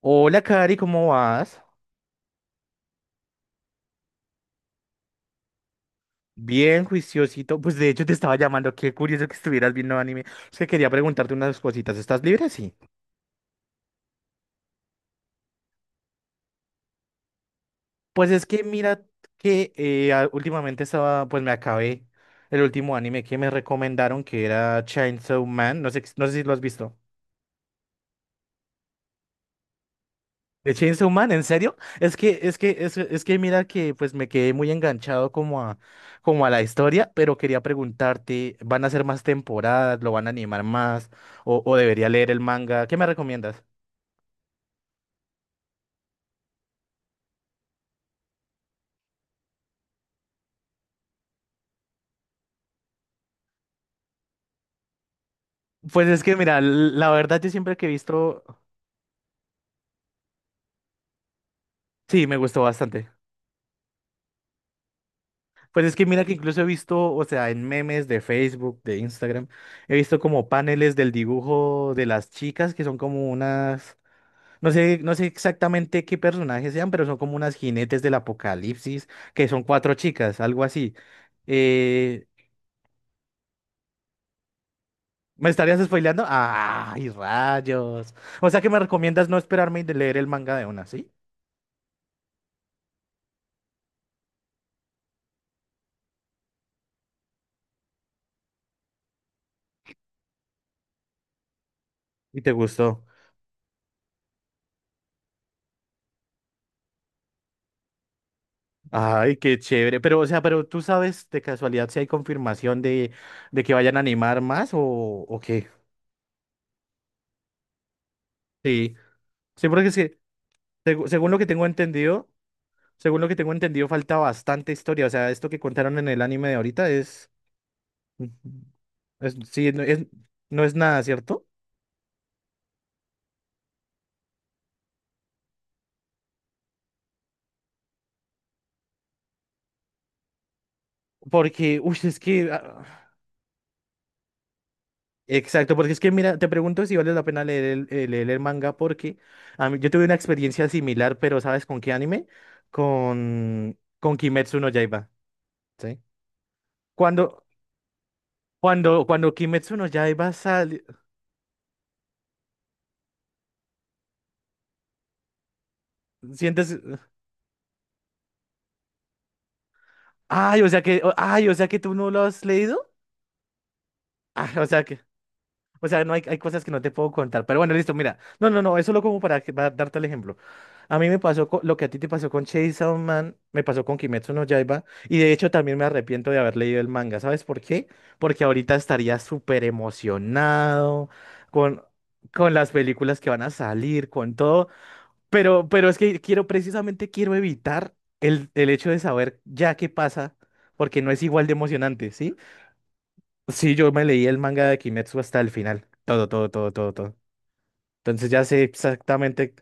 Hola, Cari, ¿cómo vas? Bien, juiciosito. Pues de hecho te estaba llamando. Qué curioso que estuvieras viendo anime. Es que quería preguntarte unas cositas. ¿Estás libre? Sí. Pues es que mira que últimamente estaba, pues me acabé el último anime que me recomendaron, que era Chainsaw Man. No sé si lo has visto. De Chainsaw Man, ¿en serio? Es que mira que pues me quedé muy enganchado como a la historia, pero quería preguntarte, ¿van a ser más temporadas? ¿Lo van a animar más? ¿O debería leer el manga? ¿Qué me recomiendas? Pues es que mira, la verdad yo siempre que he visto, sí, me gustó bastante. Pues es que mira que incluso he visto, o sea, en memes de Facebook, de Instagram, he visto como paneles del dibujo de las chicas que son como unas... No sé exactamente qué personajes sean, pero son como unas jinetes del apocalipsis, que son cuatro chicas, algo así. Eh, ¿Me estarías spoileando? ¡Ay, rayos! O sea que me recomiendas no esperarme y de leer el manga de una, ¿sí? Y te gustó. Ay, qué chévere. Pero, o sea, pero tú sabes de casualidad si hay confirmación de que vayan a animar más o qué. Sí. Sí, porque es que, segu- según lo que tengo entendido, según lo que tengo entendido, falta bastante historia. O sea, esto que contaron en el anime de ahorita es. Ujú. Sí, no es nada, ¿cierto? Porque, uy, es que... ah, Exacto, porque es que, mira, te pregunto si vale la pena leer el manga porque yo tuve una experiencia similar, pero ¿sabes con qué anime? Con Kimetsu no Yaiba. ¿Sí? Cuando, cuando Kimetsu no Yaiba sale, sientes... Ay, o sea que, tú no lo has leído. Ah, o sea que... O sea, no hay cosas que no te puedo contar. Pero bueno, listo, mira. No, no, no, eso lo como para darte el ejemplo. A mí me pasó lo que a ti te pasó con Chainsaw Man, me pasó con Kimetsu no Yaiba. Y de hecho también me arrepiento de haber leído el manga. ¿Sabes por qué? Porque ahorita estaría súper emocionado con, con las películas que van a salir, con todo. Pero es que quiero, precisamente quiero evitar el hecho de saber ya qué pasa, porque no es igual de emocionante, ¿sí? Sí, yo me leí el manga de Kimetsu hasta el final. Todo, todo, todo, todo, todo. Entonces ya sé exactamente.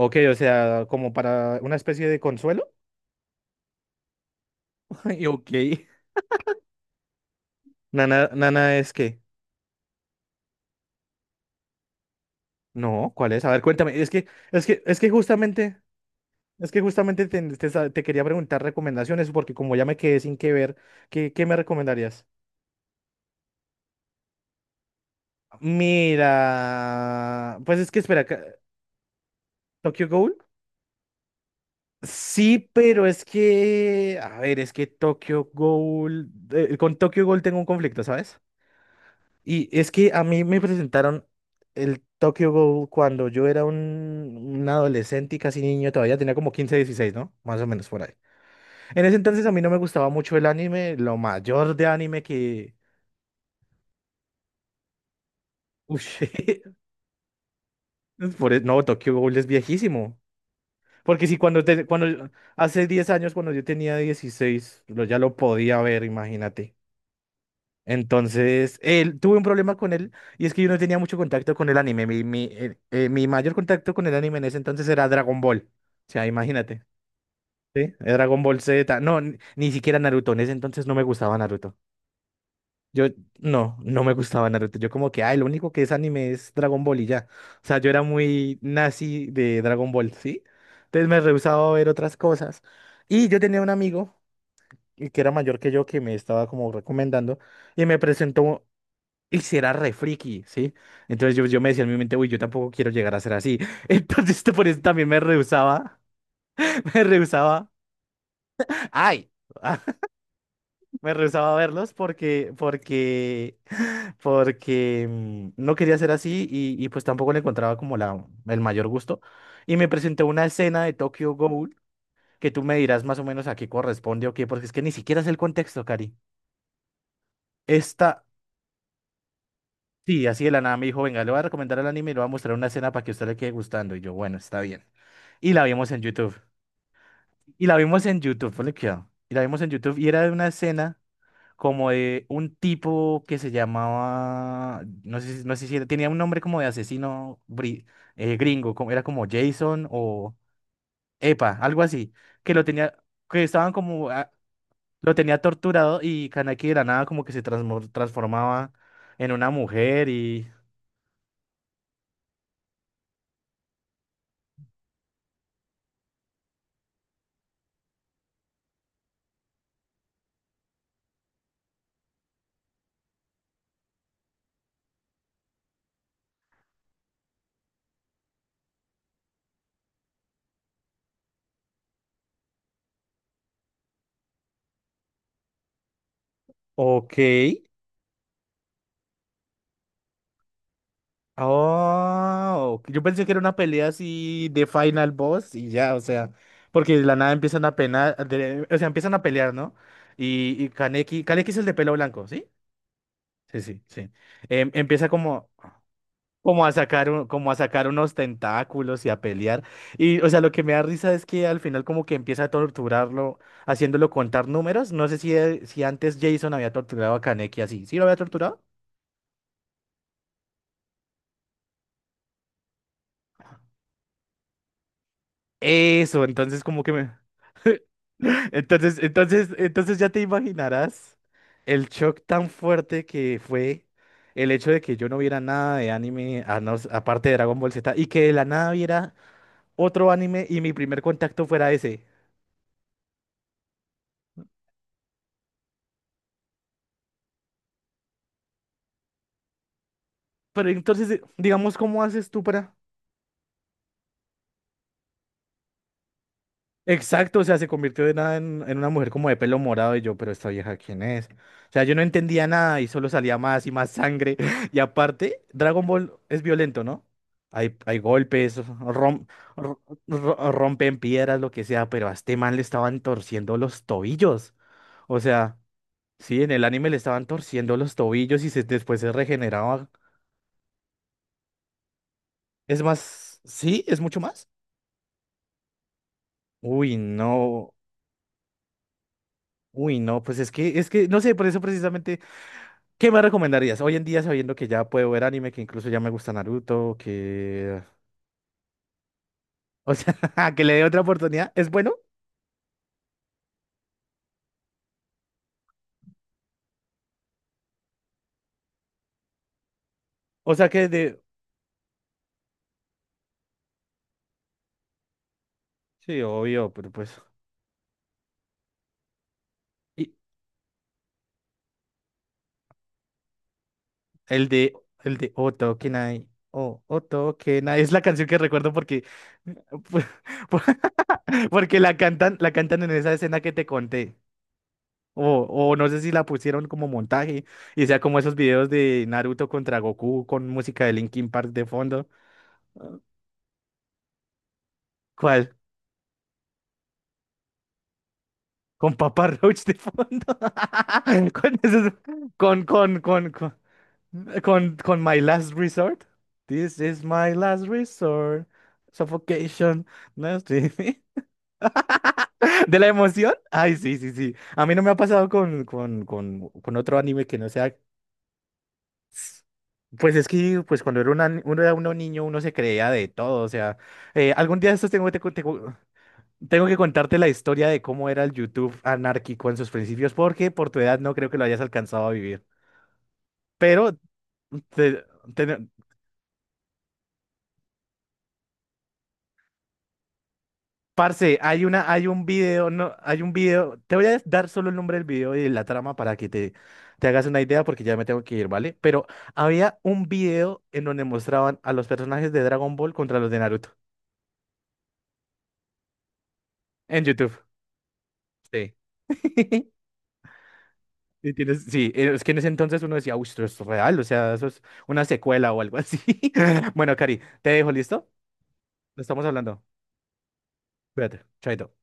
Ok, o sea, como para una especie de consuelo. Y ok. Nana, Nana es que. No, ¿cuál es? A ver, cuéntame. Es que, es que, es que justamente, es que justamente te quería preguntar recomendaciones, porque como ya me quedé sin que ver, ¿Qué me recomendarías? Mira. Pues es que espera. ¿Tokyo Ghoul? Sí, pero es que, a ver, es que Tokyo Ghoul, con Tokyo Ghoul tengo un conflicto, ¿sabes? Y es que a mí me presentaron el Tokyo Ghoul cuando yo era un adolescente y casi niño, todavía tenía como 15 16, ¿no? Más o menos por ahí. En ese entonces a mí no me gustaba mucho el anime, lo mayor de anime que... Ush, no, Tokyo Ghoul es viejísimo. Porque si cuando hace 10 años, cuando yo tenía 16, ya lo podía ver, imagínate. Entonces, tuve un problema con él y es que yo no tenía mucho contacto con el anime. Mi mayor contacto con el anime en ese entonces era Dragon Ball. O sea, imagínate. ¿Sí? Dragon Ball Z. No, ni siquiera Naruto. En ese entonces no me gustaba Naruto. Yo, no, no me gustaba Naruto. Yo como que, ay, lo único que es anime es Dragon Ball y ya. O sea, yo era muy nazi de Dragon Ball, ¿sí? Entonces me rehusaba a ver otras cosas. Y yo tenía un amigo que era mayor que yo que me estaba como recomendando y me presentó. Y si era re friki, ¿sí? Entonces yo me decía en mi mente, uy, yo tampoco quiero llegar a ser así. Entonces por eso también me rehusaba, me rehusaba, ay, me rehusaba a verlos porque no quería ser así y pues tampoco le encontraba como la, el mayor gusto. Y me presentó una escena de Tokyo Ghoul que tú me dirás más o menos a qué corresponde o qué, porque es que ni siquiera es el contexto, Cari. Esta Sí, así de la nada me dijo, venga, le voy a recomendar el anime y le voy a mostrar una escena para que a usted le quede gustando. Y yo, bueno, está bien. Y la vimos en YouTube. Ponle cuidado. Y la vimos en YouTube y era de una escena como de un tipo que se llamaba, no sé, si- no sé si era- tenía un nombre como de asesino gringo, era como Jason o Epa, algo así, que lo tenía, que estaban como, lo tenía torturado y Kaneki de la nada como que se transformaba en una mujer y... Ok. Oh, yo pensé que era una pelea así de Final Boss y ya, o sea, porque de la nada empiezan a penar, o sea, empiezan a pelear, ¿no? Y Kaneki es el de pelo blanco, ¿sí? Sí, sí, sí. Empieza como a sacar, unos tentáculos y a pelear. Y, o sea, lo que me da risa es que al final como que empieza a torturarlo, haciéndolo contar números. No sé si antes Jason había torturado a Kaneki así. ¿Sí lo había torturado? Eso, entonces como que me... Entonces ya te imaginarás el shock tan fuerte que fue el hecho de que yo no viera nada de anime, a no s- aparte de Dragon Ball Z, y que de la nada viera otro anime y mi primer contacto fuera ese. Pero entonces, digamos, ¿cómo haces tú para...? Exacto, o sea, se convirtió de nada en una mujer como de pelo morado y yo, pero esta vieja, ¿quién es? O sea, yo no entendía nada y solo salía más y más sangre. Y aparte, Dragon Ball es violento, ¿no? Hay golpes, ro- rompen piedras, lo que sea, pero a este man le estaban torciendo los tobillos. O sea, sí, en el anime le estaban torciendo los tobillos y después se regeneraba. Es más, sí, es mucho más. Uy, no, uy, no, pues es que, no sé, por eso precisamente... ¿Qué me recomendarías? Hoy en día, sabiendo que ya puedo ver anime, que incluso ya me gusta Naruto, que... O sea, que le dé otra oportunidad. ¿Es bueno? O sea, que de... Sí, obvio, pero pues... Y el de... El de Oto Kenai. Oh, Oto Kenai. Es la canción que recuerdo porque... Porque la cantan en esa escena que te conté. O no sé si la pusieron como montaje. Y sea como esos videos de Naruto contra Goku con música de Linkin Park de fondo. ¿Cuál? Con Papá Roach de fondo. Con, esos- con, con, con, con, con My Last Resort. This is my last resort. Suffocation. No estoy- ¿De la emoción? Ay, sí, sí, sí. A mí no me ha pasado con otro anime que no sea. Pues es que pues cuando era, uno era uno niño uno se creía de todo. O sea, algún día de estos tengo que contarte la historia de cómo era el YouTube anárquico en sus principios, porque por tu edad no creo que lo hayas alcanzado a vivir. Pero, te, te- parce, hay una, hay un video, no, hay un video. Te voy a dar solo el nombre del video y la trama para que te hagas una idea, porque ya me tengo que ir, ¿vale? Pero había un video en donde mostraban a los personajes de Dragon Ball contra los de Naruto en YouTube. Sí. Y sí, es que en ese entonces uno decía, uy, esto es real, o sea, eso es una secuela o algo así. Bueno, Cari, te dejo, ¿listo? Lo estamos hablando. Cuídate, chaito.